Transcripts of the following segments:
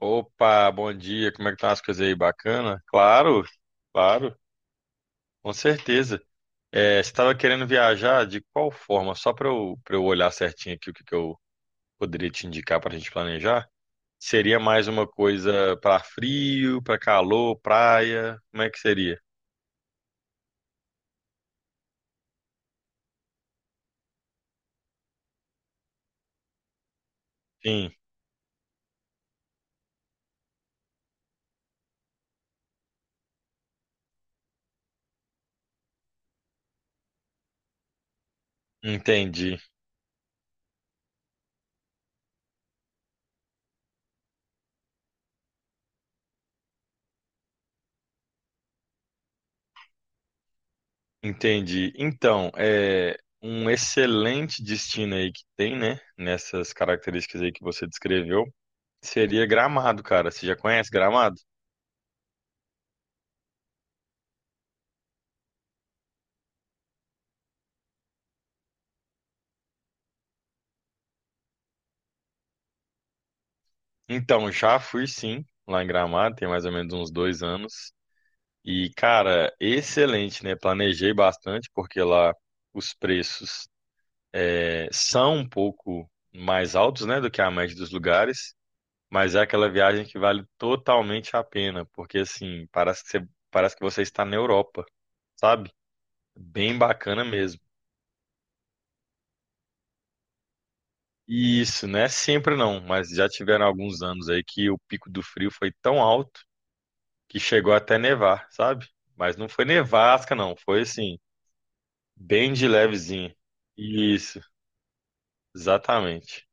Opa, bom dia. Como é que estão as coisas aí? Bacana? Claro, claro, com certeza. É, você estava querendo viajar de qual forma? Só para eu olhar certinho aqui o que eu poderia te indicar para a gente planejar? Seria mais uma coisa para frio, para calor, praia? Como é que seria? Sim, entendi, entendi. Então, é um excelente destino aí que tem, né? Nessas características aí que você descreveu, seria Gramado, cara. Você já conhece Gramado? Então, já fui sim, lá em Gramado, tem mais ou menos uns 2 anos. E, cara, excelente, né? Planejei bastante, porque lá os preços são um pouco mais altos, né, do que a média dos lugares, mas é aquela viagem que vale totalmente a pena, porque, assim, parece que você está na Europa, sabe? Bem bacana mesmo. E isso, né sempre não, mas já tiveram alguns anos aí que o pico do frio foi tão alto que chegou até nevar, sabe? Mas não foi nevasca, não. Foi assim, bem de levezinho. Isso, exatamente.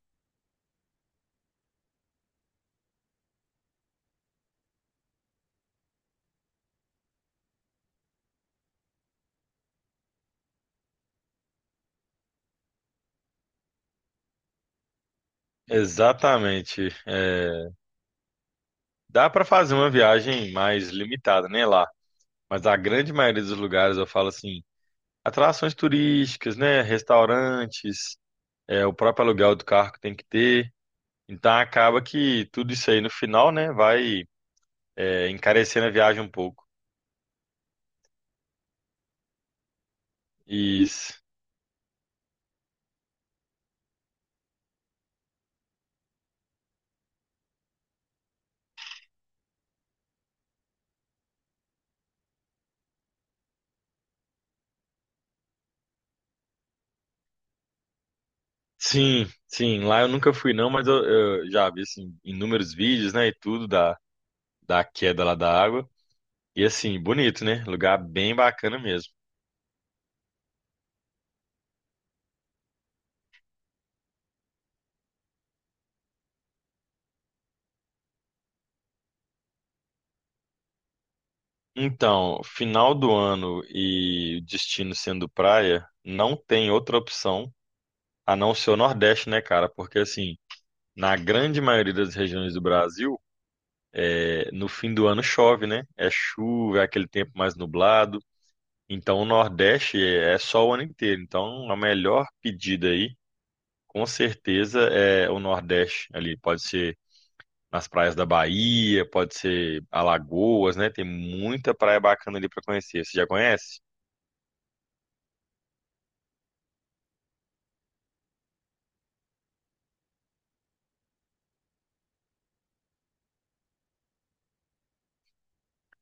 Exatamente. É, dá para fazer uma viagem mais limitada, né, lá. Mas a grande maioria dos lugares, eu falo assim, atrações turísticas, né, restaurantes, é, o próprio aluguel do carro que tem que ter. Então acaba que tudo isso aí no final, né, vai é, encarecendo a viagem um pouco. Isso. Sim, sim, lá eu nunca fui não, mas eu já vi assim inúmeros vídeos, né, e tudo da queda lá da água. E assim, bonito, né? Lugar bem bacana mesmo. Então, final do ano e destino sendo praia, não tem outra opção a não ser o Nordeste, né, cara? Porque assim, na grande maioria das regiões do Brasil, é, no fim do ano chove, né? É chuva, é aquele tempo mais nublado. Então, o Nordeste é só o ano inteiro. Então, a melhor pedida aí com certeza é o Nordeste ali, pode ser nas praias da Bahia, pode ser Alagoas, né? Tem muita praia bacana ali para conhecer. Você já conhece?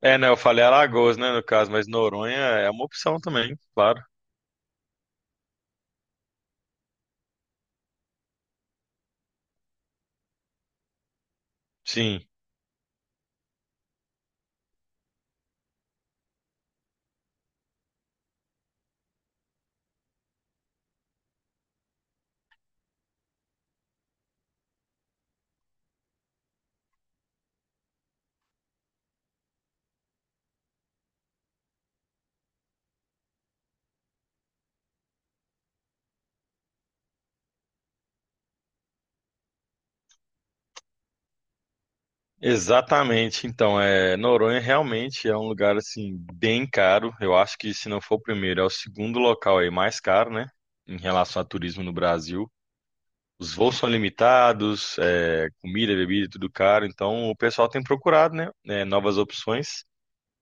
É, né? Eu falei Alagoas, né, no caso, mas Noronha é uma opção também, claro. Sim, exatamente. Então, é, Noronha realmente é um lugar assim bem caro. Eu acho que se não for o primeiro, é o segundo local aí mais caro, né, em relação a turismo no Brasil. Os voos são limitados, é, comida, bebida, tudo caro. Então o pessoal tem procurado, né, novas opções.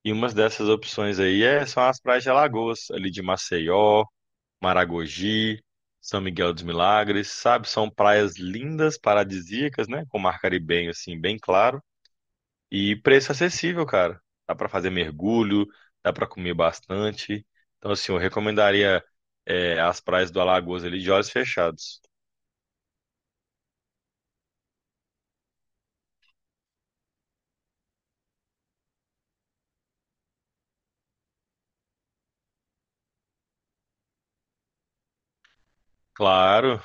E uma dessas opções aí é, são as praias de Alagoas, ali de Maceió, Maragogi, São Miguel dos Milagres, sabe? São praias lindas, paradisíacas, né? Com mar caribenho, assim, bem claro. E preço acessível, cara. Dá pra fazer mergulho, dá pra comer bastante. Então, assim, eu recomendaria, é, as praias do Alagoas ali de olhos fechados. Claro,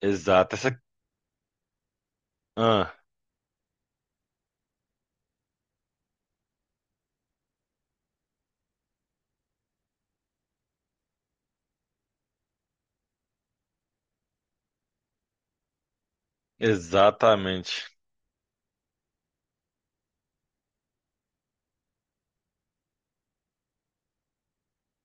exato. Essa, ah, exatamente.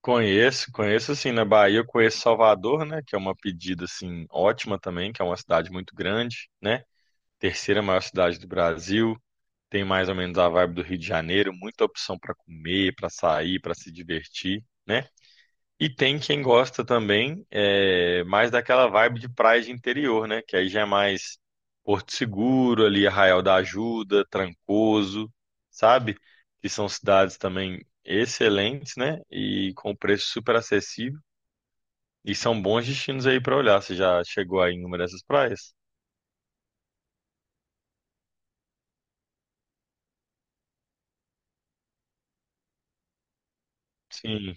Conheço, conheço assim, na Bahia eu conheço Salvador, né, que é uma pedida assim ótima também, que é uma cidade muito grande, né? Terceira maior cidade do Brasil, tem mais ou menos a vibe do Rio de Janeiro, muita opção para comer, para sair, para se divertir, né? E tem quem gosta também, é, mais daquela vibe de praia de interior, né? Que aí já é mais Porto Seguro, ali Arraial da Ajuda, Trancoso, sabe? Que são cidades também excelentes, né? E com preço super acessível. E são bons destinos aí para olhar. Você já chegou aí em uma dessas praias? Sim,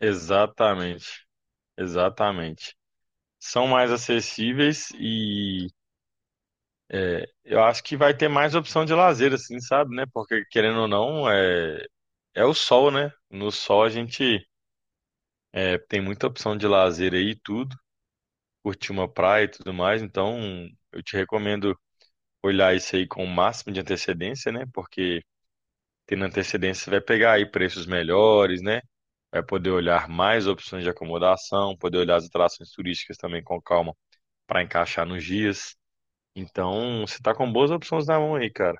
exatamente. Exatamente. São mais acessíveis e é, eu acho que vai ter mais opção de lazer, assim, sabe, né? Porque querendo ou não, é, é o sol, né? No sol a gente é, tem muita opção de lazer aí, e tudo, curtir uma praia e tudo mais. Então, eu te recomendo olhar isso aí com o máximo de antecedência, né? Porque tendo antecedência você vai pegar aí preços melhores, né? Vai poder olhar mais opções de acomodação, poder olhar as atrações turísticas também com calma para encaixar nos dias. Então, você tá com boas opções na mão aí, cara.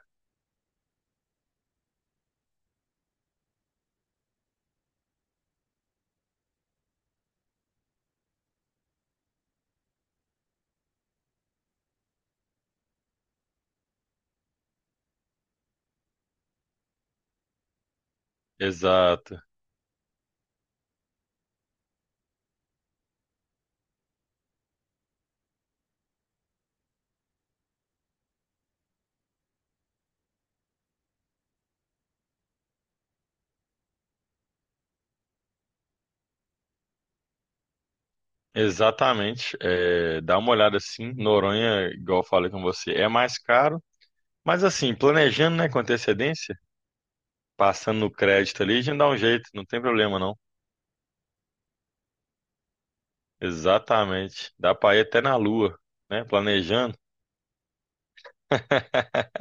Exato. Exatamente. É, dá uma olhada assim. Noronha, igual eu falei com você, é mais caro. Mas assim, planejando, né, com antecedência, passando no crédito ali, a gente dá um jeito, não tem problema não. Exatamente. Dá pra ir até na lua, né? Planejando.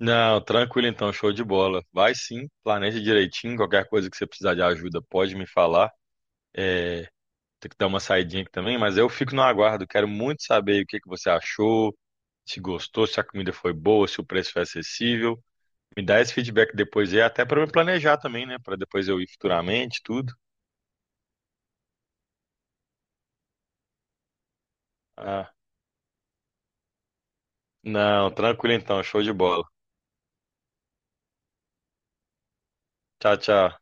Não, tranquilo então, show de bola. Vai sim, planeja direitinho. Qualquer coisa que você precisar de ajuda, pode me falar. Tem que dar uma saidinha aqui também, mas eu fico no aguardo. Quero muito saber o que que você achou, se gostou, se a comida foi boa, se o preço foi acessível. Me dá esse feedback depois aí, até para me planejar também, né? Para depois eu ir futuramente, tudo. Ah, não, tranquilo então, show de bola. Tchau, tchau.